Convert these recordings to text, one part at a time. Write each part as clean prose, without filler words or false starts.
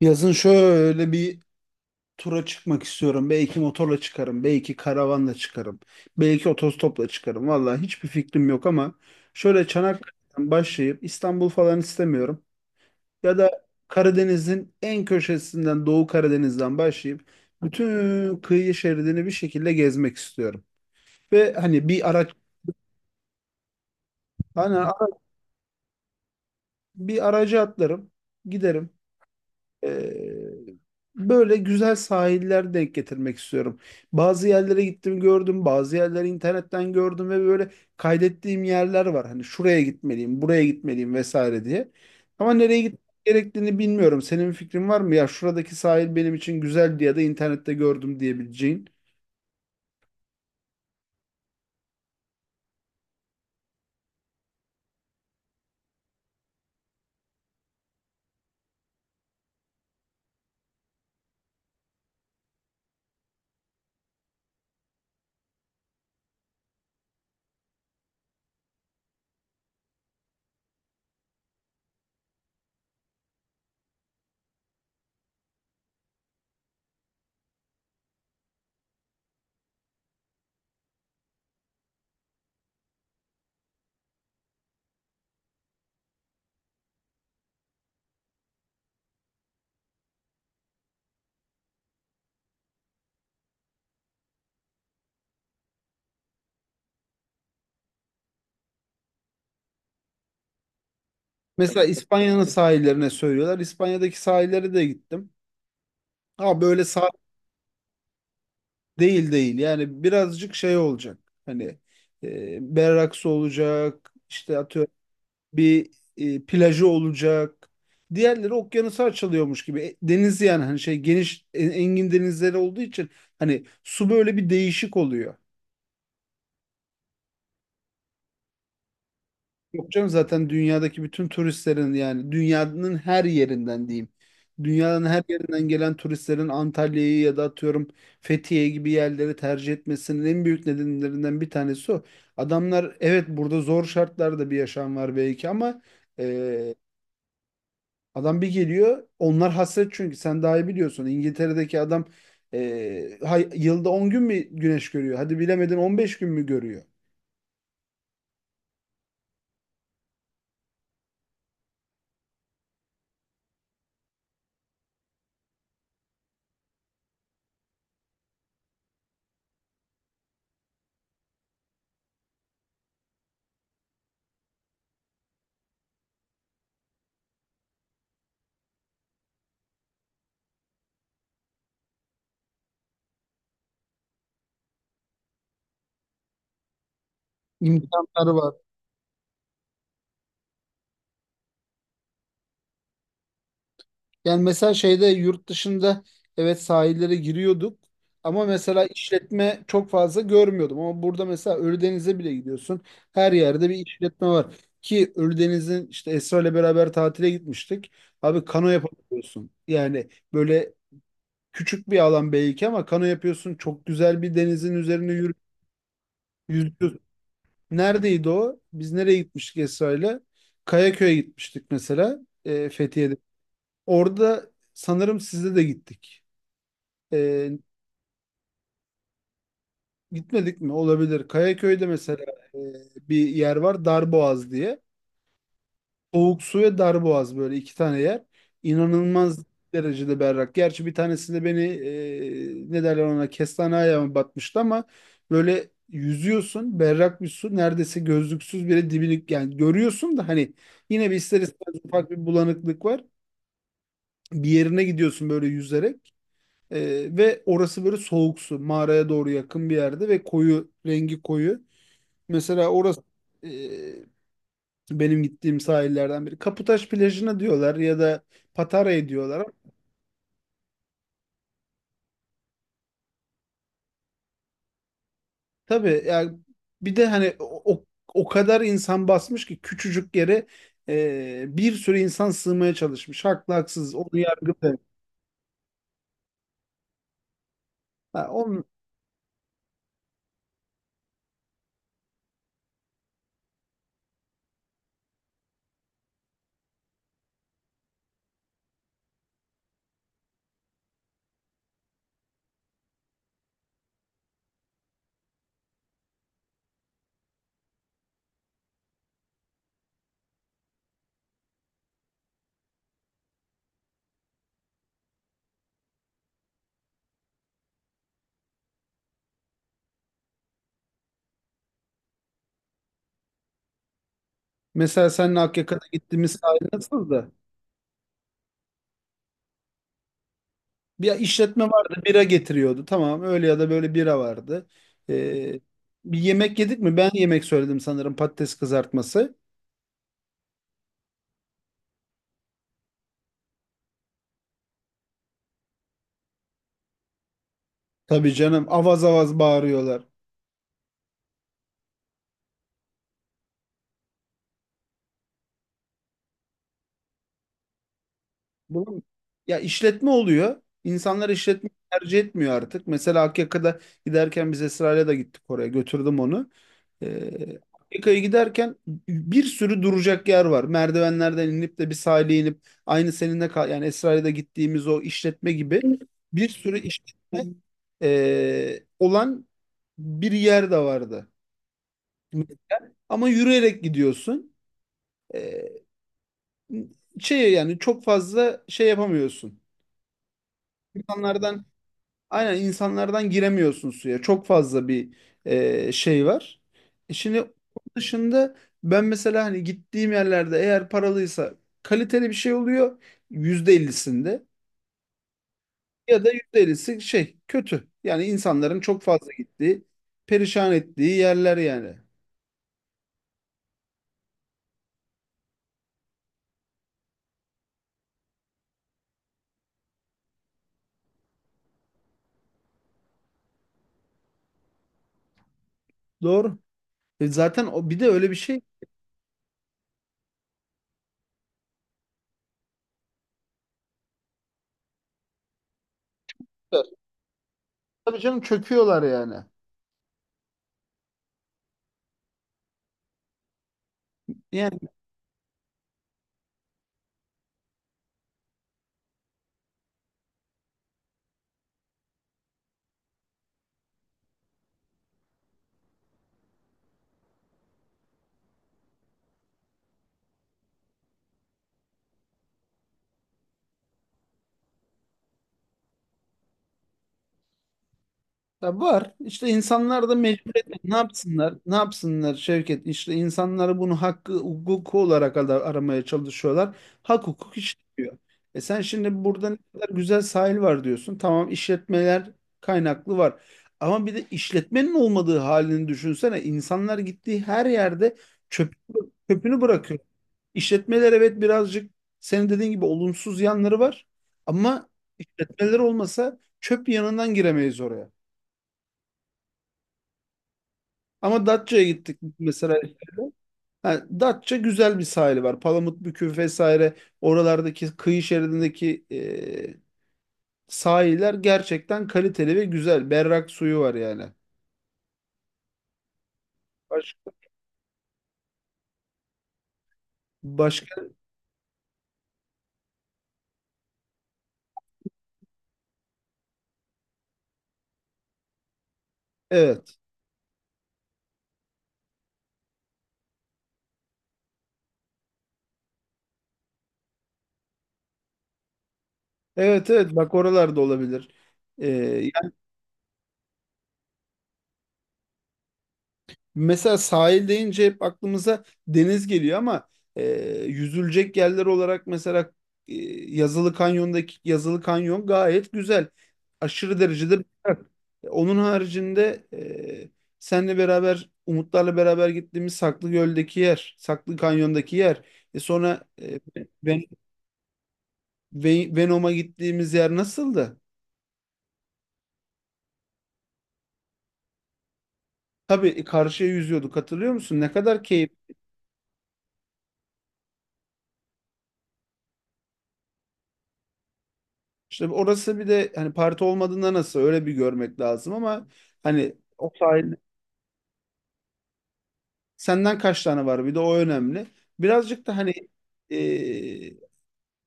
Yazın şöyle bir tura çıkmak istiyorum. Belki motorla çıkarım, belki karavanla çıkarım, belki otostopla çıkarım. Vallahi hiçbir fikrim yok ama şöyle Çanakkale'den başlayıp İstanbul falan istemiyorum. Ya da Karadeniz'in en köşesinden Doğu Karadeniz'den başlayıp bütün kıyı şeridini bir şekilde gezmek istiyorum. Ve hani bir araç hani bir araca atlarım, giderim. Ee, Böyle güzel sahiller denk getirmek istiyorum. Bazı yerlere gittim gördüm, bazı yerleri internetten gördüm ve böyle kaydettiğim yerler var. Hani şuraya gitmeliyim, buraya gitmeliyim vesaire diye. Ama nereye gitmek gerektiğini bilmiyorum. Senin bir fikrin var mı? Ya şuradaki sahil benim için güzeldi ya da internette gördüm diyebileceğin. Mesela İspanya'nın sahillerine söylüyorlar. İspanya'daki sahillere de gittim. Ha böyle sahil değil değil, yani birazcık şey olacak, hani berraksı olacak, işte atıyorum bir plajı olacak, diğerleri okyanusa açılıyormuş gibi. Deniz yani, hani şey, geniş engin denizleri olduğu için hani su böyle bir değişik oluyor. Yok canım, zaten dünyadaki bütün turistlerin, yani dünyanın her yerinden diyeyim. Dünyanın her yerinden gelen turistlerin Antalya'yı ya da atıyorum Fethiye gibi yerleri tercih etmesinin en büyük nedenlerinden bir tanesi o. Adamlar, evet, burada zor şartlarda bir yaşam var belki ama e, adam bir geliyor, onlar hasret. Çünkü sen daha iyi biliyorsun, İngiltere'deki adam yılda 10 gün mü güneş görüyor? Hadi bilemedin 15 gün mü görüyor? İmkanları var. Yani mesela şeyde, yurt dışında, evet, sahillere giriyorduk ama mesela işletme çok fazla görmüyordum. Ama burada mesela Ölüdeniz'e bile gidiyorsun. Her yerde bir işletme var. Ki Ölüdeniz'in, işte Esra ile beraber tatile gitmiştik. Abi kano yapabiliyorsun. Yani böyle küçük bir alan belki ama kano yapıyorsun. Çok güzel bir denizin üzerine yürü yüzüyorsun. Neredeydi o? Biz nereye gitmiştik Esra ile? Kayaköy'e gitmiştik mesela. Fethiye'de. Orada sanırım sizle de gittik. E, Gitmedik mi? Olabilir. Kayaköy'de mesela e, bir yer var Darboğaz diye. Soğuk su ve Darboğaz, böyle iki tane yer. İnanılmaz derecede berrak. Gerçi bir tanesinde beni ne derler ona, kestane ayağıma batmıştı ama böyle yüzüyorsun berrak bir su, neredeyse gözlüksüz bile dibini yani görüyorsun, da hani yine bir ister istemez ufak bir bulanıklık var. Bir yerine gidiyorsun böyle yüzerek. Ve orası böyle soğuk su mağaraya doğru yakın bir yerde ve koyu, rengi koyu. Mesela orası e, benim gittiğim sahillerden biri. Kaputaş plajına diyorlar ya da Patara'ya diyorlar. Ama tabii yani, bir de hani o o kadar insan basmış ki küçücük yere bir sürü insan sığmaya çalışmış. Haklı haksız onu yargılayamam. Ha, onun, mesela seninle Akyaka'da gittiğimiz sahil nasıldı? Bir işletme vardı, bira getiriyordu. Tamam, öyle ya da böyle bira vardı. E, Bir yemek yedik mi? Ben yemek söyledim sanırım, patates kızartması. Tabii canım, avaz avaz bağırıyorlar. Bunun, ya işletme oluyor. İnsanlar işletme tercih etmiyor artık. Mesela Akyaka'da giderken biz Esra'yla da gittik oraya. Götürdüm onu. Akyaka'ya giderken bir sürü duracak yer var. Merdivenlerden inip de bir sahile inip, aynı seninle kal yani Esra'yla da gittiğimiz o işletme gibi bir sürü işletme olan bir yer de vardı. Ama yürüyerek gidiyorsun. E, Şey yani, çok fazla şey yapamıyorsun. İnsanlardan, aynen, insanlardan giremiyorsun suya. Çok fazla bir şey var. E şimdi onun dışında ben mesela hani gittiğim yerlerde, eğer paralıysa kaliteli bir şey oluyor %50'sinde, ya da %50'si şey kötü. Yani insanların çok fazla gittiği, perişan ettiği yerler yani. Doğru. E zaten o bir de öyle bir şey. Var, tabii canım, çöküyorlar yani. Ya var. İşte insanlar da mecburiyetten ne yapsınlar? Ne yapsınlar Şevket? İşte insanları, bunu, hakkı hukuku olarak aramaya çalışıyorlar. Hak hukuk işlemiyor. E sen şimdi burada ne kadar güzel sahil var diyorsun. Tamam, işletmeler kaynaklı var. Ama bir de işletmenin olmadığı halini düşünsene. İnsanlar gittiği her yerde çöp, çöpünü bırakıyor. İşletmeler, evet, birazcık senin dediğin gibi olumsuz yanları var. Ama işletmeler olmasa çöp yanından giremeyiz oraya. Ama Datça'ya gittik mesela. Ha, Datça, güzel bir sahili var. Palamutbükü vesaire, oralardaki kıyı şeridindeki sahiller gerçekten kaliteli ve güzel. Berrak suyu var yani. Başka? Başka? Evet. Evet, evet, bak oralarda olabilir. E, Mesela sahil deyince hep aklımıza deniz geliyor ama e, yüzülecek yerler olarak mesela e, Yazılı Kanyon'daki, Yazılı Kanyon gayet güzel. Aşırı derecede güzel. Onun haricinde senle beraber Umutlarla beraber gittiğimiz Saklıgöl'deki yer, Saklı Kanyon'daki yer. E sonra Ven- Venom'a gittiğimiz yer nasıldı? Tabii, karşıya yüzüyorduk hatırlıyor musun? Ne kadar keyif. İşte orası bir de hani parti olmadığında nasıl, öyle bir görmek lazım ama hani o sahil senden kaç tane var, bir de o önemli. Birazcık da hani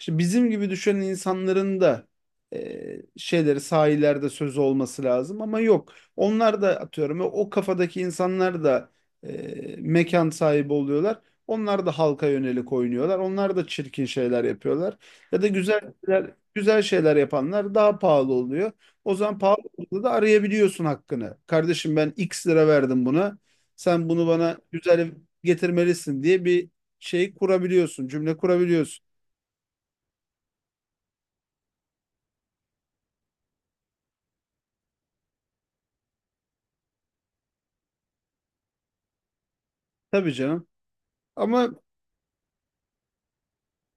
işte bizim gibi düşünen insanların da şeyleri, sahillerde sözü olması lazım ama yok. Onlar da atıyorum o kafadaki insanlar da mekan sahibi oluyorlar. Onlar da halka yönelik oynuyorlar. Onlar da çirkin şeyler yapıyorlar. Ya da güzel şeyler, güzel şeyler yapanlar daha pahalı oluyor. O zaman pahalı olduğunda da arayabiliyorsun hakkını. Kardeşim, ben X lira verdim buna. Sen bunu bana güzel getirmelisin diye bir şey kurabiliyorsun, cümle kurabiliyorsun. Tabii canım. Ama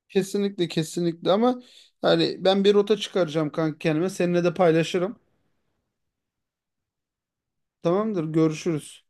kesinlikle, kesinlikle ama yani ben bir rota çıkaracağım kanka kendime. Seninle de paylaşırım. Tamamdır, görüşürüz.